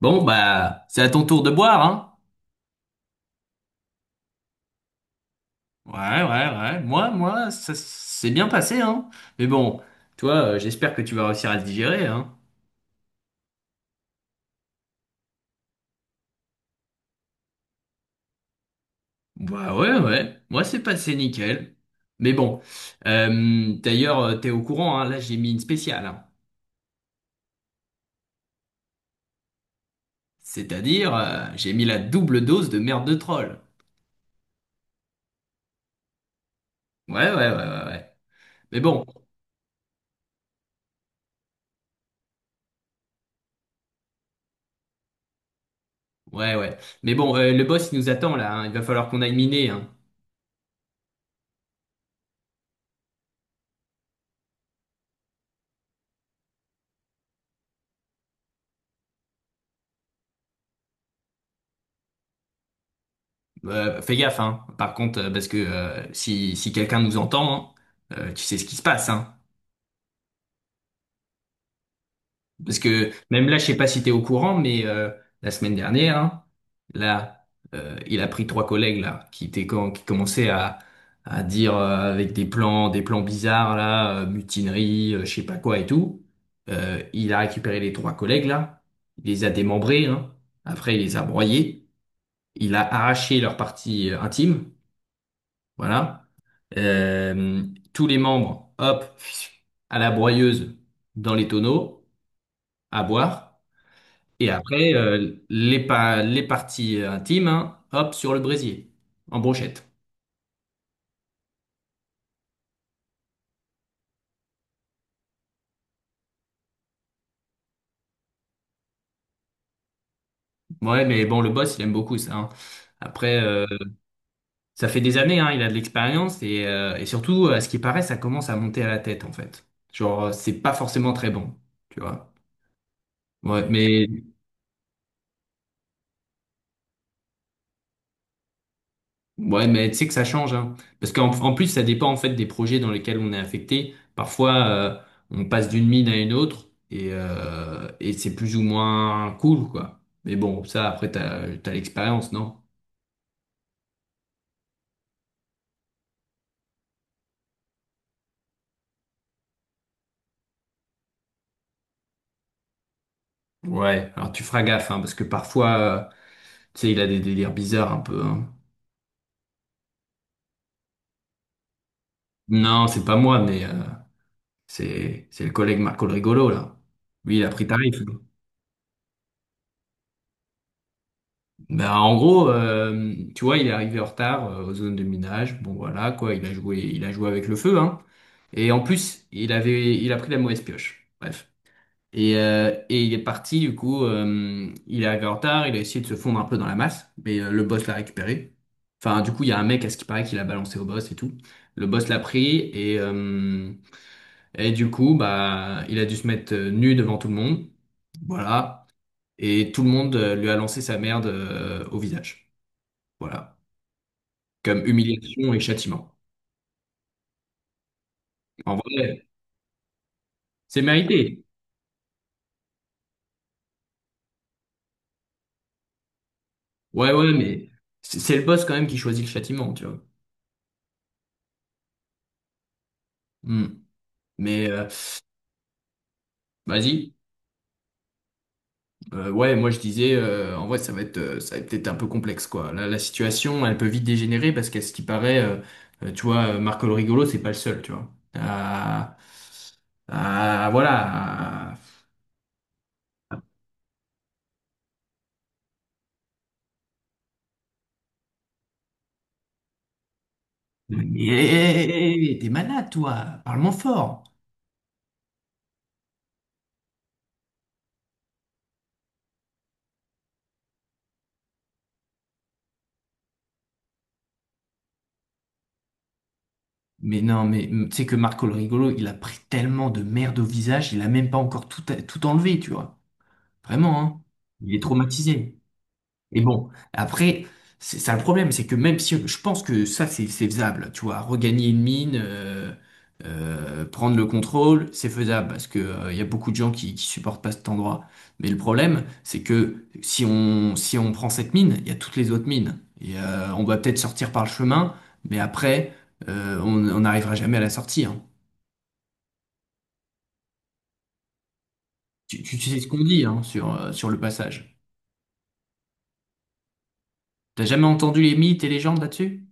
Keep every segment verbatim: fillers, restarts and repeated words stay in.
Bon, bah, c'est à ton tour de boire, hein? Ouais, ouais, ouais. Moi, moi, ça s'est bien passé, hein? Mais bon, toi, euh, j'espère que tu vas réussir à le digérer, hein? Bah ouais, ouais. Moi, c'est passé nickel. Mais bon, euh, d'ailleurs, euh, t'es au courant, hein? Là, j'ai mis une spéciale, hein. C'est-à-dire, euh, j'ai mis la double dose de merde de troll. Ouais, ouais, ouais, ouais, ouais. Mais bon, ouais, ouais. Mais bon, euh, le boss, il nous attend, là, hein. Il va falloir qu'on aille miner, hein. Euh, fais gaffe, hein. Par contre, euh, parce que euh, si, si quelqu'un nous entend, hein, euh, tu sais ce qui se passe, hein. Parce que même là, je sais pas si t'es au courant, mais euh, la semaine dernière, hein, là, euh, il a pris trois collègues là qui étaient com- qui commençaient à à dire euh, avec des plans, des plans bizarres là, euh, mutinerie, euh, je sais pas quoi et tout. Euh, il a récupéré les trois collègues là, il les a démembrés, hein. Après, il les a broyés, il a arraché leur partie euh, intime, voilà. Euh, Tous les membres, hop, à la broyeuse, dans les tonneaux, à boire. Et après, euh, les, pa- les parties euh, intimes, hein, hop, sur le brésier, en brochette. Ouais, mais bon, le boss, il aime beaucoup ça, hein. Après, euh, ça fait des années, hein, il a de l'expérience. Et, euh, et surtout, à ce qui paraît, ça commence à monter à la tête, en fait. Genre, c'est pas forcément très bon, tu vois. Ouais, mais ouais, mais tu sais que ça change, hein. Parce qu'en en plus, ça dépend en fait des projets dans lesquels on est affecté. Parfois, euh, on passe d'une mine à une autre et, euh, et c'est plus ou moins cool, quoi. Mais bon, ça, après, t'as, t'as l'expérience, non? Ouais, alors tu feras gaffe, hein, parce que parfois, euh, tu sais, il a des délires bizarres un peu, hein. Non, c'est pas moi, mais euh, c'est c'est le collègue Marco le Rigolo, là. Lui, il a pris tarif. Bah, en gros, euh, tu vois, il est arrivé en retard euh, aux zones de minage. Bon, voilà, quoi, il a joué, il a joué avec le feu, hein. Et en plus, il avait, il a pris la mauvaise pioche. Bref. Et, euh, et il est parti, du coup, euh, il est arrivé en retard, il a essayé de se fondre un peu dans la masse, mais euh, le boss l'a récupéré. Enfin, du coup, il y a un mec, à ce qui paraît, qui l'a balancé au boss et tout. Le boss l'a pris et, euh, et du coup, bah, il a dû se mettre euh, nu devant tout le monde. Voilà. Et tout le monde euh, lui a lancé sa merde euh, au visage. Voilà comme humiliation et châtiment. En vrai, c'est mérité. Ouais, ouais, mais c'est c'est le boss quand même qui choisit le châtiment, tu vois. Hmm. Mais euh, vas-y. Euh, ouais, moi je disais, euh, en vrai, ça va être, euh, ça va être peut-être un peu complexe, quoi. La, la situation, elle peut vite dégénérer parce qu'à ce qui paraît, euh, euh, tu vois, euh, Marco le rigolo, c'est pas le seul, tu vois. Ah, ah, voilà. Ah, mais hé, hé, hé, hé, t'es malade, toi. Parle-moi fort. Mais non, mais hum, tu sais que Marco le rigolo, il a pris tellement de merde au visage, il a même pas encore tout, tout enlevé, tu vois. Vraiment, hein. Il est traumatisé. Et bon, après, c'est c'est un problème, c'est que même si je pense que ça, c'est c'est faisable, tu vois, regagner une mine, euh, euh, prendre le contrôle, c'est faisable parce que euh, il y a beaucoup de gens qui, qui supportent pas cet endroit. Mais le problème, c'est que si on si on prend cette mine, il y a toutes les autres mines et euh, on va peut-être sortir par le chemin, mais après, euh, on on n'arrivera jamais à la sortie, hein. Tu, tu sais ce qu'on dit hein, sur euh, sur le passage. T'as jamais entendu les mythes et légendes là-dessus?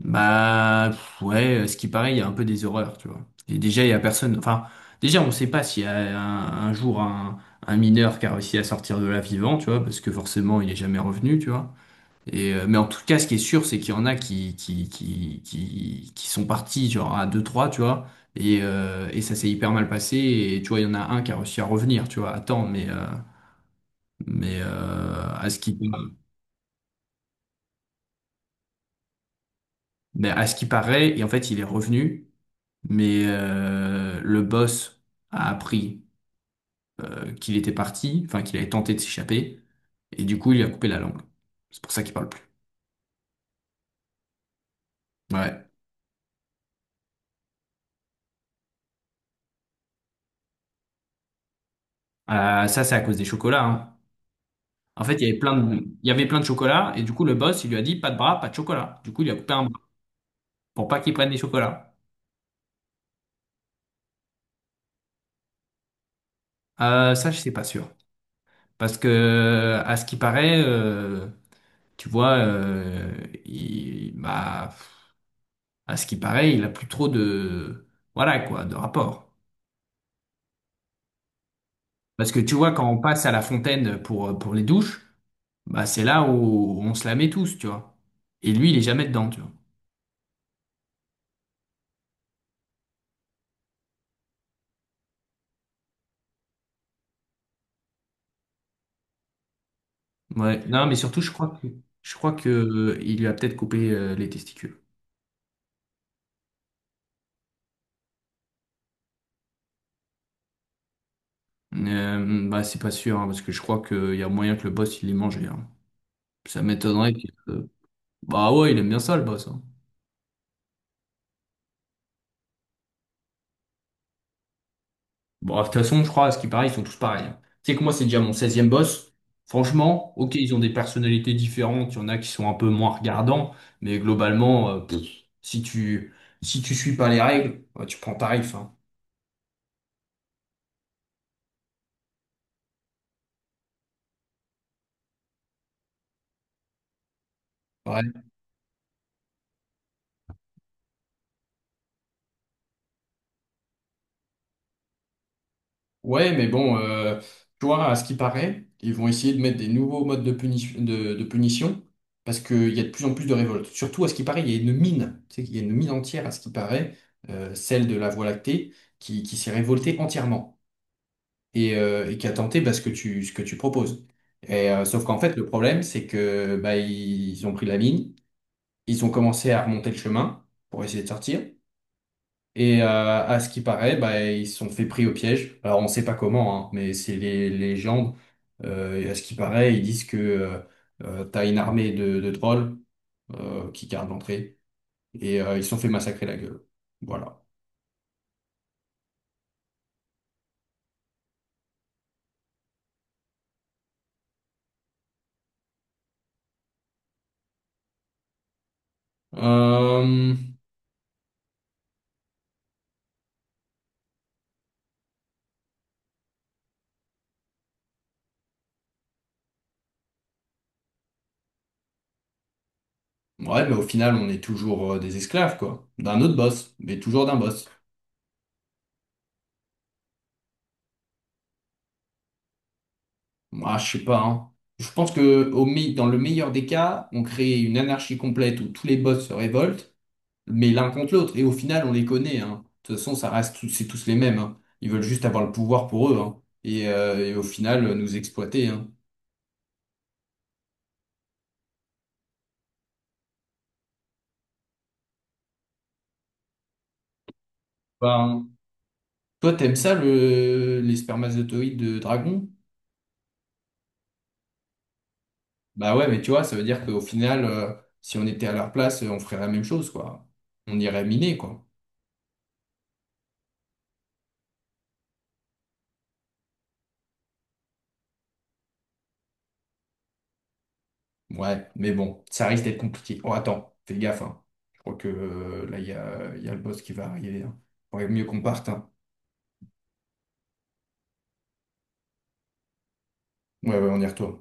Bah pff, ouais, euh, ce qui paraît, il y a un peu des horreurs, tu vois. Et déjà, il y a personne. Enfin, déjà, on ne sait pas s'il y a un, un jour un, un mineur qui a réussi à sortir de là vivant, tu vois, parce que forcément, il n'est jamais revenu, tu vois. Et euh, mais en tout cas, ce qui est sûr, c'est qu'il y en a qui qui qui qui, qui sont partis genre à deux trois tu vois. Et, euh, et ça s'est hyper mal passé. Et tu vois, il y en a un qui a réussi à revenir, tu vois. Attends, mais euh, mais euh, à ce qui mais à ce qui paraît, et en fait, il est revenu. Mais euh, le boss a appris euh, qu'il était parti, enfin qu'il avait tenté de s'échapper, et du coup il lui a coupé la langue. C'est pour ça qu'il parle plus. Ouais. Euh, ça c'est à cause des chocolats, hein. En fait, il y avait plein de, il y avait plein de chocolats, et du coup le boss il lui a dit pas de bras, pas de chocolat. Du coup il lui a coupé un bras pour pas qu'il prenne les chocolats. Euh, ça je sais pas sûr, parce que à ce qui paraît, euh, tu vois, euh, il, bah, à ce qui paraît, il a plus trop de, voilà quoi, de rapport. Parce que tu vois, quand on passe à la fontaine pour, pour les douches, bah c'est là où on se la met tous, tu vois. Et lui, il est jamais dedans, tu vois. Ouais. Non, mais surtout, je crois que je crois que euh, il lui a peut-être coupé euh, les testicules. Euh, bah c'est pas sûr, hein, parce que je crois qu'il y a moyen que le boss il les mangeait, hein. Ça m'étonnerait qu'il. euh, Bah ouais, il aime bien ça le boss, hein. Bon, de toute façon, je crois, à ce qui paraît, ils sont tous pareils, hein. Tu sais que moi, c'est déjà mon seizième boss. Franchement, ok, ils ont des personnalités différentes. Il y en a qui sont un peu moins regardants. Mais globalement, euh, pff, si tu, si tu suis pas les règles, bah, tu prends tarif. Hein. Ouais. Ouais, mais bon, euh, tu vois, à ce qui paraît, ils vont essayer de mettre des nouveaux modes de punition, de, de punition parce qu'il y a de plus en plus de révoltes. Surtout, à ce qui paraît, il y a une mine. Tu sais il y a une mine entière, à ce qui paraît, euh, celle de la Voie lactée, qui, qui s'est révoltée entièrement. Et, euh, et qui a tenté bah, ce que tu, ce que tu proposes. Et, euh, sauf qu'en fait, le problème, c'est que bah, ils ont pris la ligne, ils ont commencé à remonter le chemin pour essayer de sortir. Et euh, à ce qui paraît, bah, ils se sont fait pris au piège. Alors, on sait pas comment, hein, mais c'est les les légendes. Euh, et à ce qui paraît, ils disent que euh, euh, t'as une armée de, de trolls euh, qui gardent l'entrée. Et euh, ils se sont fait massacrer la gueule. Voilà. Euh, ouais, mais au final, on est toujours euh, des esclaves, quoi. D'un autre boss, mais toujours d'un boss. Moi, je sais pas, hein. Je pense que au mi- dans le meilleur des cas, on crée une anarchie complète où tous les boss se révoltent, mais l'un contre l'autre. Et au final, on les connaît, hein. De toute façon, ça reste tous- c'est tous les mêmes, hein. Ils veulent juste avoir le pouvoir pour eux, hein. Et, euh, et au final, euh, nous exploiter, hein. Ben, toi, t'aimes ça, le, les spermatozoïdes de dragon? Bah ouais, mais tu vois, ça veut dire qu'au final, euh, si on était à leur place, euh, on ferait la même chose, quoi. On irait miner, quoi. Ouais, mais bon, ça risque d'être compliqué. Oh, attends, fais gaffe, hein. Je crois que euh, là, il y a, il y a le boss qui va arriver, hein. Faudrait mieux qu'on parte, hein. Ouais, ouais, on y retourne.